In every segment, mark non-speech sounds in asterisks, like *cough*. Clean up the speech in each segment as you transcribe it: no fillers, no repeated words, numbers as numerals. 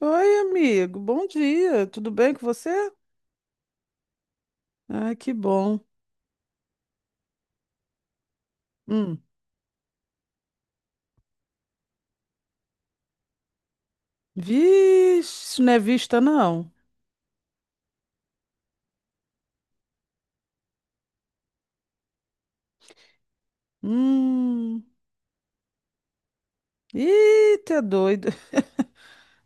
Oi, amigo. Bom dia. Tudo bem com você? Ah, que bom. Hum. Vixe, isso não é vista, não. Hum. Ih, tá doido.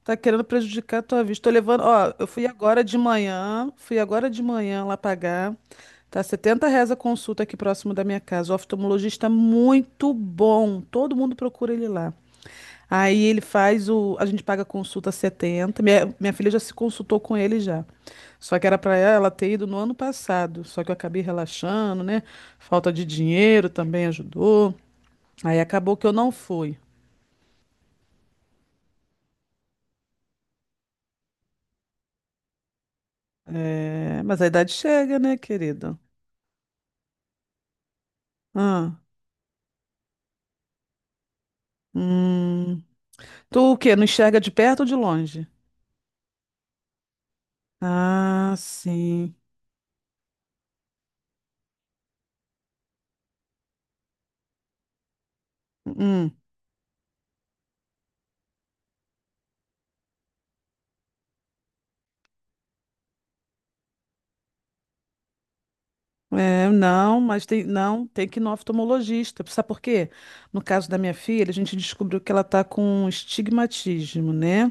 Tá querendo prejudicar a tua vista. Tô levando, ó, eu fui agora de manhã, fui agora de manhã lá pagar. Tá setenta 70 reais a consulta aqui próximo da minha casa. O oftalmologista é muito bom. Todo mundo procura ele lá. Aí ele faz o. A gente paga a consulta 70. Minha filha já se consultou com ele já. Só que era pra ela ter ido no ano passado. Só que eu acabei relaxando, né? Falta de dinheiro também ajudou. Aí acabou que eu não fui. É, mas a idade chega, né, querida? Ah. Hum. Tu o quê? Não enxerga de perto ou de longe? Ah, sim. Hum. É, não, mas tem, não, tem que ir no oftalmologista. Sabe por quê? No caso da minha filha, a gente descobriu que ela está com um estigmatismo, né?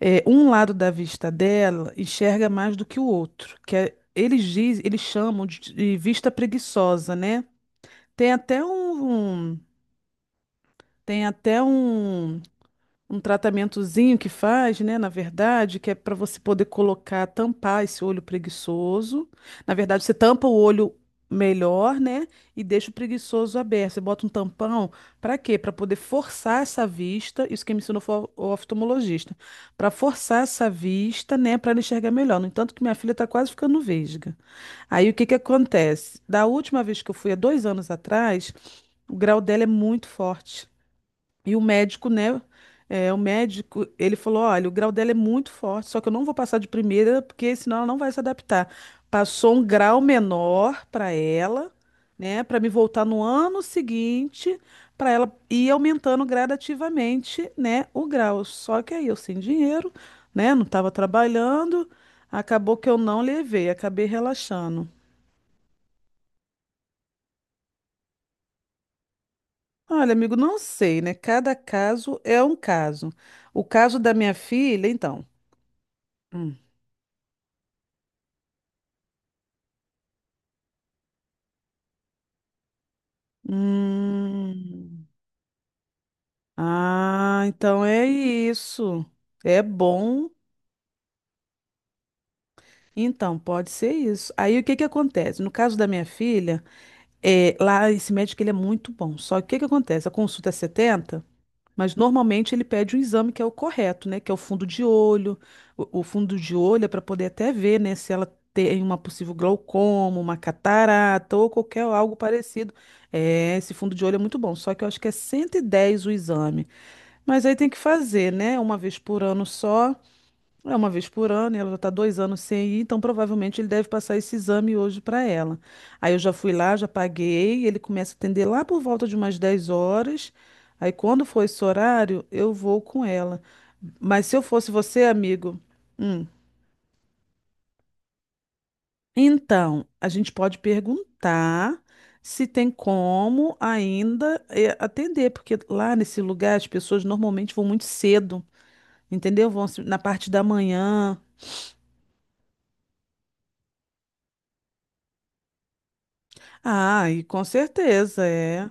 É, um lado da vista dela enxerga mais do que o outro, eles chamam de vista preguiçosa, né? Tem até um, um- tem até um tratamentozinho que faz, né, na verdade, que é para você poder colocar, tampar esse olho preguiçoso. Na verdade, você tampa o olho melhor, né, e deixa o preguiçoso aberto. Você bota um tampão para quê? Para poder forçar essa vista. Isso que me ensinou foi o oftalmologista. Para forçar essa vista, né, para ela enxergar melhor. No entanto, que minha filha está quase ficando vesga. Aí o que que acontece? Da última vez que eu fui, há 2 anos atrás, o grau dela é muito forte. E o médico, né? É, o médico, ele falou: olha, o grau dela é muito forte, só que eu não vou passar de primeira, porque senão ela não vai se adaptar. Passou um grau menor para ela, né? Para me voltar no ano seguinte, para ela ir aumentando gradativamente, né? O grau. Só que aí eu sem dinheiro, né? Não estava trabalhando, acabou que eu não levei, acabei relaxando. Olha, amigo, não sei, né? Cada caso é um caso. O caso da minha filha, então. Hum. Hum. Ah, então é isso. É bom. Então, pode ser isso. Aí o que que acontece? No caso da minha filha, é, lá esse médico ele é muito bom. Só que o que que acontece? A consulta é setenta, mas normalmente ele pede um exame que é o correto, né? Que é o fundo de olho. O fundo de olho é para poder até ver, né, se ela tem uma possível glaucoma, uma catarata ou qualquer algo parecido. É, esse fundo de olho é muito bom. Só que eu acho que é 110 o exame. Mas aí tem que fazer, né? Uma vez por ano só. É uma vez por ano, e ela já está 2 anos sem ir, então provavelmente ele deve passar esse exame hoje para ela. Aí eu já fui lá, já paguei, ele começa a atender lá por volta de umas 10h. Aí quando for esse horário, eu vou com ela. Mas se eu fosse você, amigo, hum, então a gente pode perguntar se tem como ainda atender, porque lá nesse lugar as pessoas normalmente vão muito cedo. Entendeu? Vão se- Na parte da manhã. Ah, e com certeza é.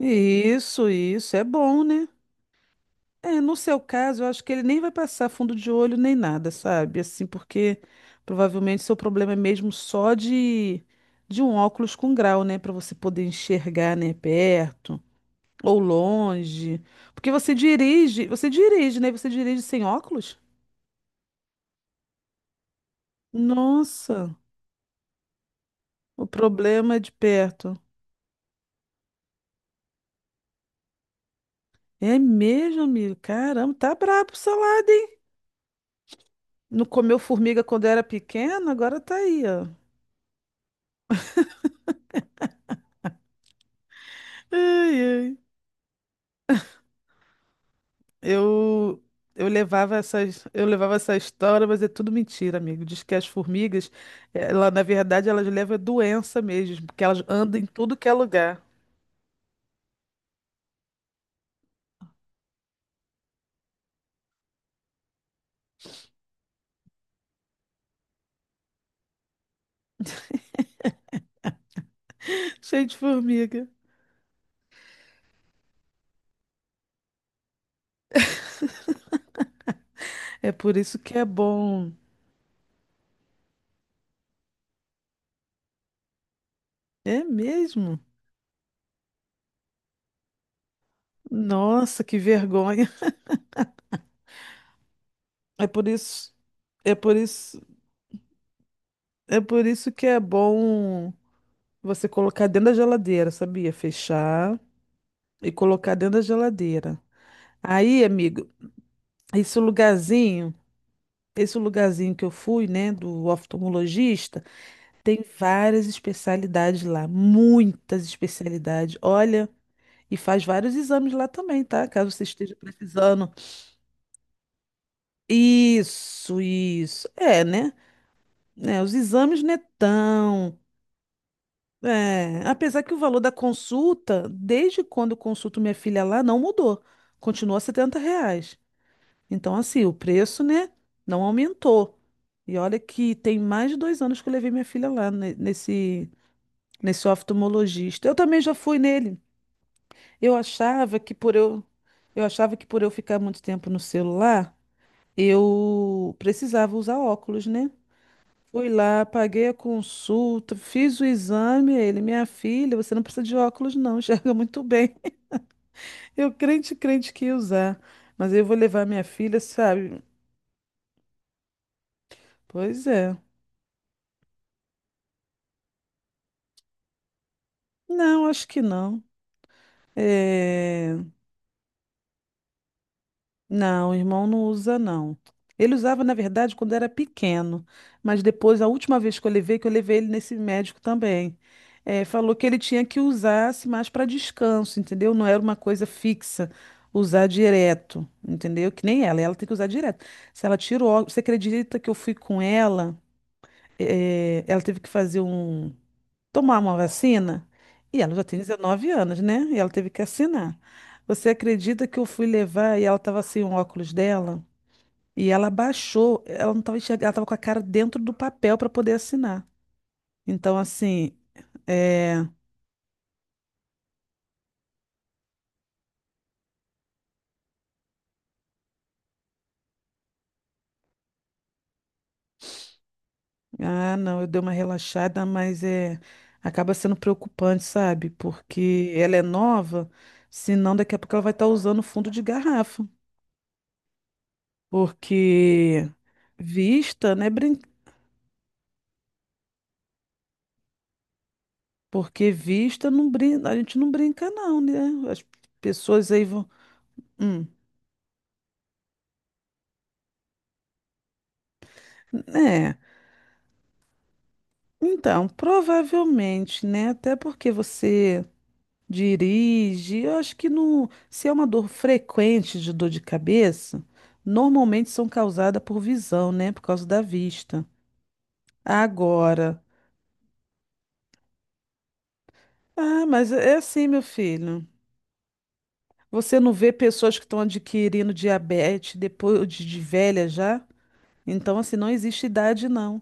Isso é bom, né? É, no seu caso, eu acho que ele nem vai passar fundo de olho nem nada, sabe? Assim, porque provavelmente seu problema é mesmo só de um óculos com grau, né, para você poder enxergar, né, perto ou longe. Porque você dirige, né? Você dirige sem óculos? Nossa, o problema é de perto. É mesmo, amigo? Caramba, tá brabo o salada, hein? Não comeu formiga quando era pequeno, agora tá aí, ó. Ai, ai. Eu, eu levava essa história, mas é tudo mentira, amigo. Diz que as formigas, ela, na verdade, elas levam doença mesmo, porque elas andam em tudo que é lugar, *laughs* cheio de formiga. É por isso que é bom. É mesmo? Nossa, que vergonha. É por isso, é por isso, é por isso que é bom. Você colocar dentro da geladeira, sabia? Fechar e colocar dentro da geladeira. Aí, amigo, esse lugarzinho, esse lugarzinho que eu fui, né, do oftalmologista, tem várias especialidades lá, muitas especialidades. Olha, e faz vários exames lá também, tá? Caso você esteja precisando. Isso, isso. É, né? Né, os exames não é tão. É, apesar que o valor da consulta, desde quando eu consulto minha filha lá, não mudou. Continua 70 reais. Então, assim, o preço, né, não aumentou. E olha que tem mais de 2 anos que eu levei minha filha lá nesse oftalmologista. Eu também já fui nele. Eu achava que por eu, eu achava que por eu ficar muito tempo no celular, eu precisava usar óculos, né? Fui lá, paguei a consulta, fiz o exame. Ele, minha filha, você não precisa de óculos, não, *laughs* enxerga muito bem. *laughs* Eu crente, crente que ia usar. Mas eu vou levar minha filha, sabe? Pois é. Não, acho que não. É, não, o irmão não usa, não. Ele usava, na verdade, quando era pequeno, mas depois, a última vez que eu levei ele nesse médico também, falou que ele tinha que usar assim, mais para descanso, entendeu? Não era uma coisa fixa, usar direto, entendeu? Que nem ela, ela tem que usar direto. Se ela tirou, você acredita que eu fui com ela, ela teve que fazer um tomar uma vacina. E ela já tem 19 anos, né? E ela teve que assinar. Você acredita que eu fui levar e ela estava sem o óculos dela? E ela baixou, ela não estava enxergando, ela estava com a cara dentro do papel para poder assinar. Então, assim, é... Ah, não, eu dei uma relaxada, mas é... acaba sendo preocupante, sabe? Porque ela é nova, senão daqui a pouco ela vai estar usando fundo de garrafa. Porque vista, né? Porque vista não brinca, a gente não brinca não, né? As pessoas aí vão, hum, é. Então, provavelmente, né? Até porque você dirige, eu acho que no se é uma dor frequente de dor de cabeça, normalmente são causadas por visão, né? Por causa da vista. Agora, ah, mas é assim, meu filho. Você não vê pessoas que estão adquirindo diabetes depois de velha já? Então, assim, não existe idade, não.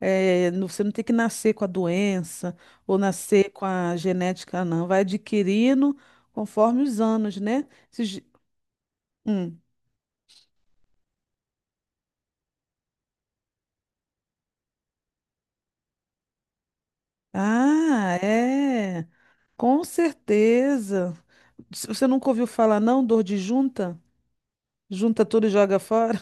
É, você não tem que nascer com a doença ou nascer com a genética, não. Vai adquirindo conforme os anos, né? Se ge- Hum. Ah, é. Com certeza. Se você nunca ouviu falar, não? Dor de junta? Junta tudo e joga fora?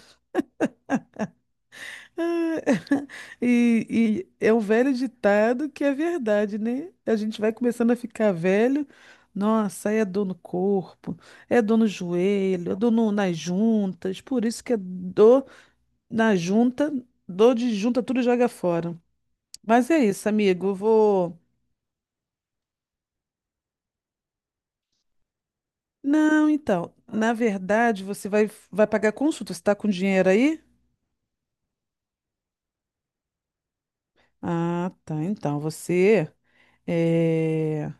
*laughs* E é um velho ditado que é verdade, né? A gente vai começando a ficar velho. Nossa, aí é dor no corpo, é dor no joelho, é dor nas juntas. Por isso que é dor na junta, dor de junta, tudo joga fora. Mas é isso, amigo. Eu vou. Não, então. Na verdade, você vai pagar consulta. Você tá com dinheiro aí? Ah, tá. Então, você. eh,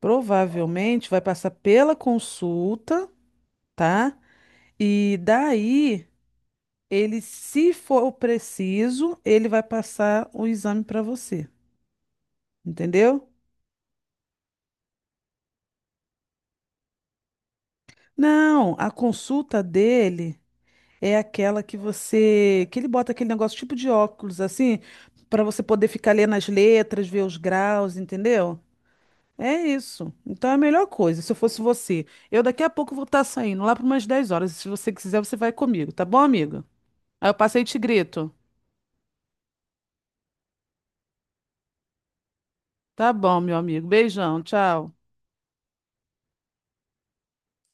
Provavelmente vai passar pela consulta, tá? E daí, ele, se for preciso, ele vai passar o exame para você, entendeu? Não, a consulta dele é aquela que ele bota aquele negócio tipo de óculos assim, para você poder ficar lendo as letras, ver os graus, entendeu? É isso. Então é a melhor coisa, se eu fosse você. Eu daqui a pouco vou estar saindo lá para umas 10h. Se você quiser, você vai comigo, tá bom, amiga? Aí eu passei e te grito. Tá bom, meu amigo. Beijão, tchau.